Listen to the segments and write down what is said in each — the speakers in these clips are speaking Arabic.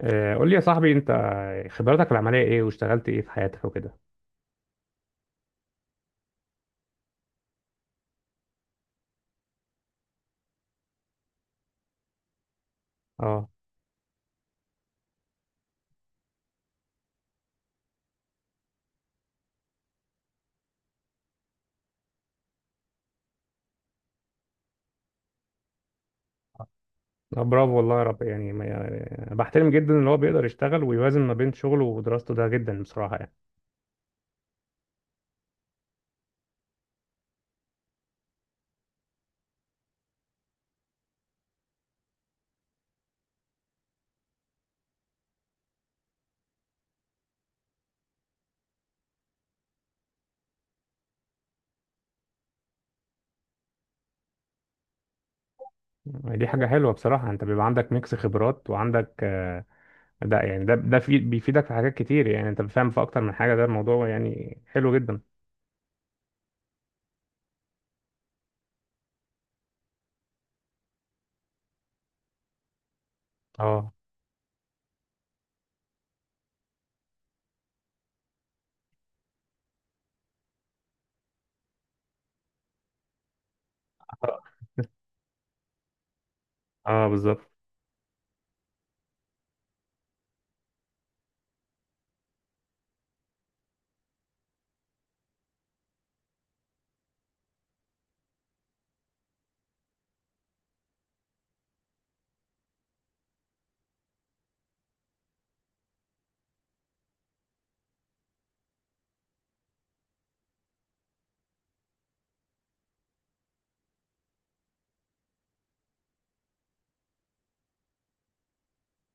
قول لي يا صاحبي، انت خبراتك العمليه ايه، واشتغلت ايه في حياتك وكده. اه، لا، برافو والله يا رب، يعني ما يعني بحترم جدا ان هو بيقدر يشتغل ويوازن ما بين شغله ودراسته، ده جدا بصراحه يعني. يعني دي حاجه حلوه بصراحه، انت بيبقى عندك ميكس خبرات وعندك، ده يعني ده في، بيفيدك في حاجات كتير، يعني انت بتفهم في اكتر من حاجه، ده الموضوع يعني حلو جدا. اه، اه بالظبط،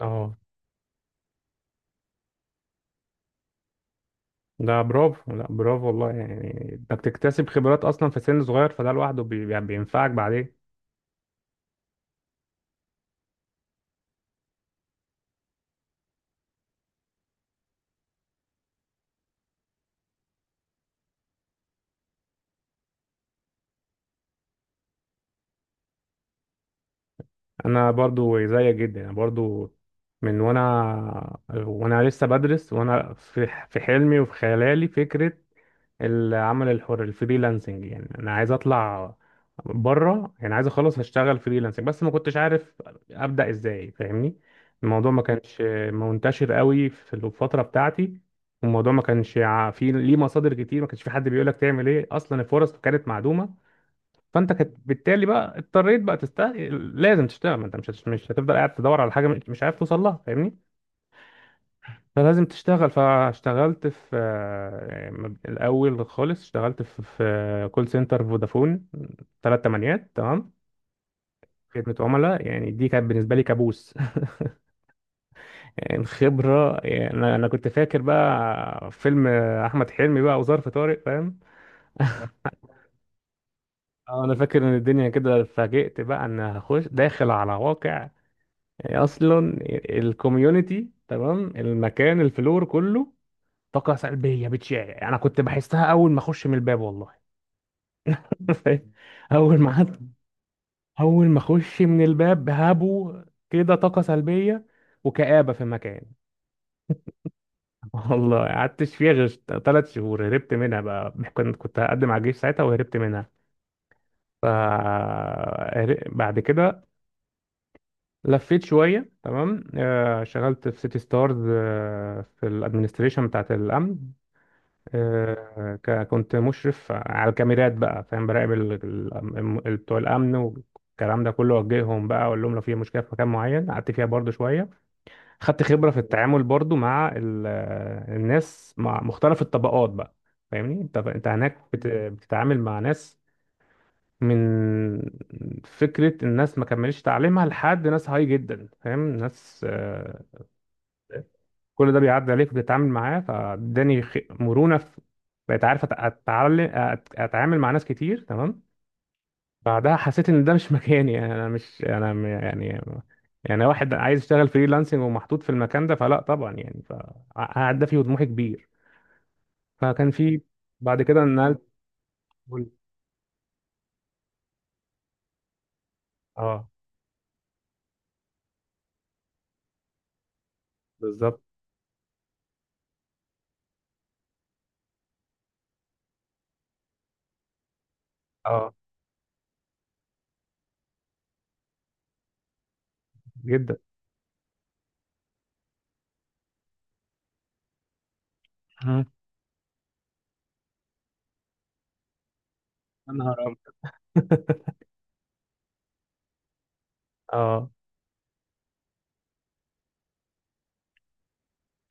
اه، ده برافو، لا برافو والله، يعني انك تكتسب خبرات اصلا في سن صغير، فده لوحده بينفعك بعدين. انا برضو زيك جدا، انا برضو من وانا لسه بدرس، وانا في حلمي وفي خيالي فكره العمل الحر الفريلانسنج، يعني انا عايز اطلع بره، يعني عايز اخلص هشتغل فريلانسنج، بس ما كنتش عارف ابدا ازاي، فاهمني؟ الموضوع ما كانش منتشر قوي في الفتره بتاعتي، والموضوع ما كانش فيه ليه مصادر كتير، ما كانش في حد بيقولك تعمل ايه، اصلا الفرص كانت معدومه، فانت بالتالي بقى اضطريت بقى تستاهل، لازم تشتغل، ما انت مش هتفضل قاعد تدور على حاجه مش عارف توصل لها، فاهمني؟ فلازم تشتغل، فاشتغلت في الاول خالص اشتغلت في كول سنتر فودافون، 888، تمام. خدمه عملاء، يعني دي كانت بالنسبه لي كابوس. يعني خبره، يعني انا كنت فاكر بقى فيلم احمد حلمي، بقى وظرف طارق، فاهم؟ انا فاكر ان الدنيا كده اتفاجئت، بقى ان هخش داخل على واقع، هي اصلا الكوميونتي، تمام، المكان الفلور كله طاقه سلبيه بتشع، انا كنت بحسها اول ما اخش من الباب، والله. فاهم؟ اول ما عد- اول ما اخش من الباب هابوا كده طاقه سلبيه وكآبه في المكان. والله قعدتش فيها غير 3 شهور، هربت منها، بقى كنت هقدم على الجيش ساعتها، وهربت منها. ف بعد كده لفيت شويه، تمام. شغلت في سيتي ستارز، في الادمنستريشن بتاعت الامن. كنت مشرف على الكاميرات، بقى فاهم، براقب بتوع الامن والكلام ده كله، اوجههم بقى، اقول لهم لو في مشكله في مكان معين. قعدت فيها برضو شويه، خدت خبره في التعامل برضو مع الناس، مع مختلف الطبقات بقى، فاهمني؟ انت هناك بتتعامل مع ناس من فكره الناس ما كملش تعليمها لحد ناس هاي جدا، فاهم؟ ناس كل ده بيعدي عليك وبتتعامل معاه، فاداني مرونه في، بقيت عارف اتعلم اتعامل مع ناس كتير، تمام. بعدها حسيت ان ده مش مكاني، يعني انا مش يعني واحد عايز يشتغل فريلانسنج ومحطوط في المكان ده، فلا طبعا، يعني فهدفي وطموحي كبير، فكان في بعد كده نقلت قلت- اه بالظبط. اه جدا. مم. يا نهار أبيض. اه،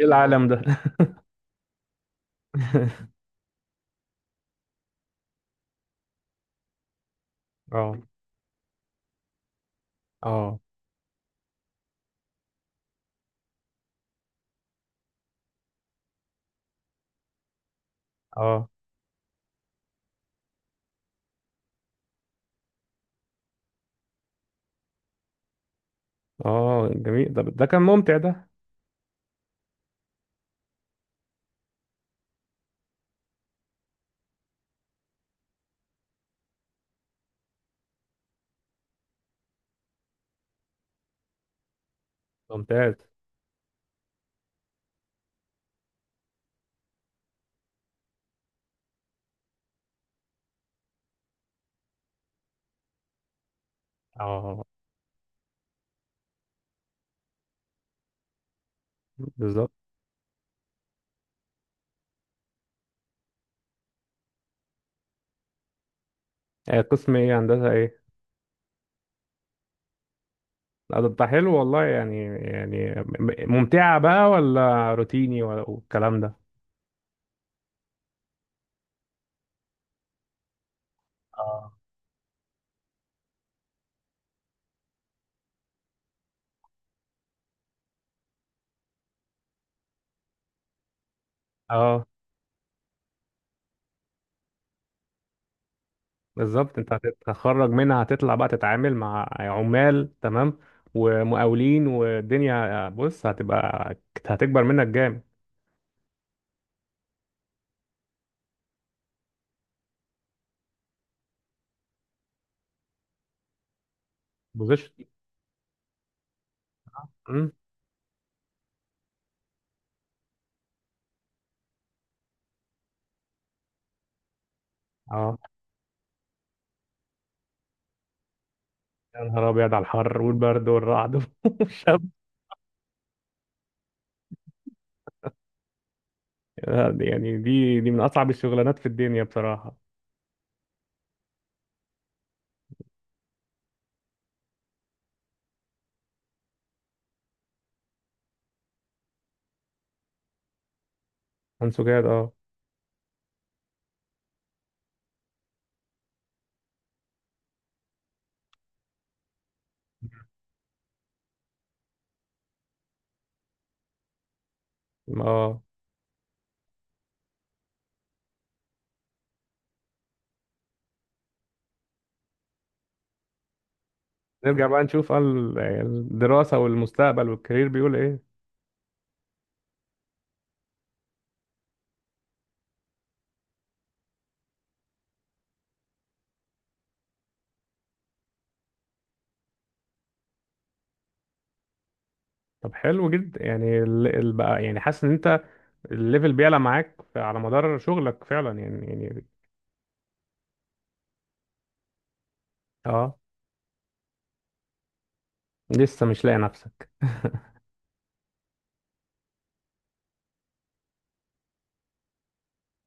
ايه العالم ده؟ اه، اه، اه، اه، جميل، ده كان ممتع ده. ممتاز. اه بالظبط. قسم ايه، هندسة ايه؟ لا، ده حلو والله، يعني ممتعة بقى، ولا روتيني والكلام ده؟ اه، اه بالظبط، انت هتتخرج منها، هتطلع بقى تتعامل مع عمال، تمام، ومقاولين، والدنيا بص هتبقى هتكبر منك جامد. بوزيشن. أمم، اه، يا نهار ابيض على الحر والبرد والرعد والشب. يعني دي من اصعب الشغلانات في الدنيا بصراحة. انسجاد، اه. اه، نرجع بقى نشوف، الدراسة والمستقبل والكارير بيقول ايه؟ طب حلو جدا، يعني بقى، يعني حاسس ان انت الليفل بيعلى معاك، على مدار شغلك فعلا يعني يعني. اه، لسه مش لاقي نفسك؟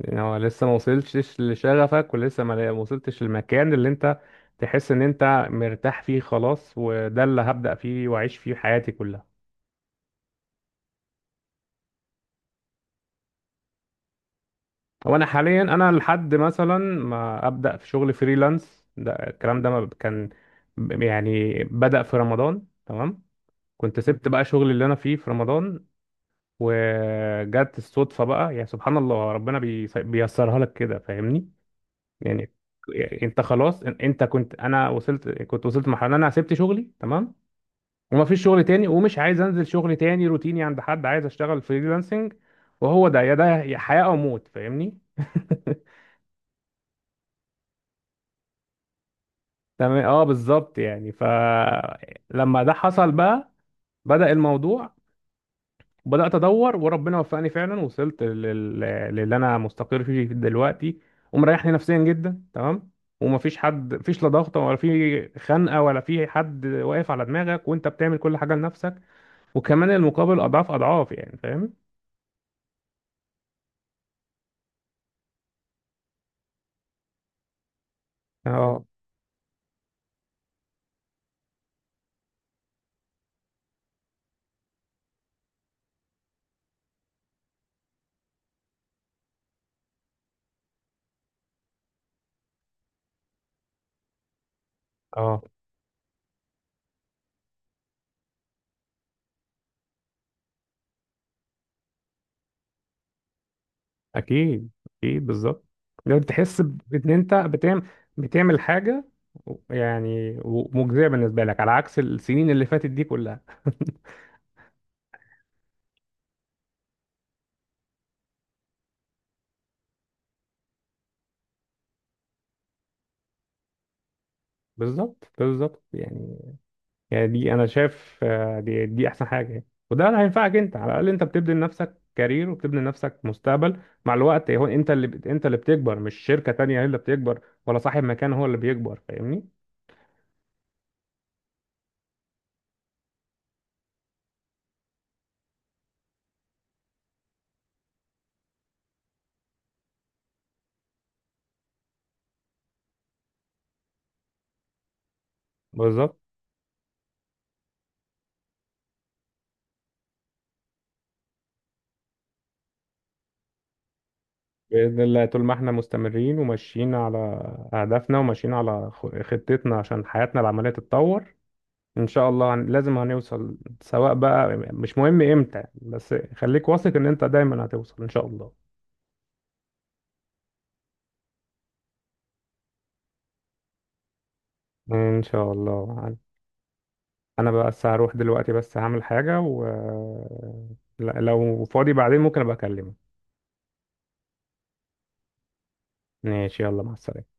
يعني هو لسه ما وصلتش لشغفك، ولسه ما وصلتش للمكان اللي انت تحس ان انت مرتاح فيه خلاص، وده اللي هبدأ فيه واعيش فيه حياتي كلها. هو انا حاليا، انا لحد مثلا ما ابدا في شغل فريلانس، ده الكلام ده ما كان يعني بدا في رمضان، تمام. كنت سبت بقى شغل اللي انا فيه في رمضان، وجت الصدفه بقى، يعني سبحان الله، ربنا بيسرها لك كده، فاهمني؟ يعني يعني انت خلاص، انت كنت انا وصلت كنت وصلت لمرحله ان انا سبت شغلي، تمام. وما فيش شغل تاني، ومش عايز انزل شغل تاني روتيني عند حد، عايز اشتغل فريلانسنج، وهو ده يا ده يا حياه او موت، فاهمني؟ تمام، اه بالظبط، يعني فلما ده حصل بقى، بدأ الموضوع، بدأت ادور، وربنا وفقني فعلا، وصلت للي انا مستقر فيه دلوقتي، ومريحني نفسيا جدا، تمام. ومفيش حد، مفيش لا ضغط ولا في خنقه ولا في حد واقف على دماغك، وانت بتعمل كل حاجه لنفسك، وكمان المقابل اضعاف اضعاف، يعني فاهم؟ اه، اه اكيد، اكيد بالظبط، لو تحس ان انت بتعمل حاجه يعني مجزيه بالنسبه لك، على عكس السنين اللي فاتت دي كلها. بالظبط، بالظبط، يعني دي انا شايف، دي احسن حاجه يعني. وده هينفعك انت، على الاقل انت بتبني لنفسك كارير وبتبني لنفسك مستقبل مع الوقت، هو انت اللي بتكبر، مش شركه تانية هي اللي بتكبر، ولا صاحب مكان هو اللي بيكبر، فاهمني؟ بالظبط. بإذن الله، طول ما احنا مستمرين وماشيين على أهدافنا، وماشيين على خطتنا عشان حياتنا العملية تتطور، إن شاء الله لازم هنوصل، سواء بقى مش مهم إمتى، بس خليك واثق إن أنت دايما هتوصل إن شاء الله. إن شاء الله. أنا بقى بس هروح دلوقتي، بس هعمل حاجة، و لا- لو فاضي بعدين ممكن أبقى أكلمك. ماشي، يلا مع السلامة.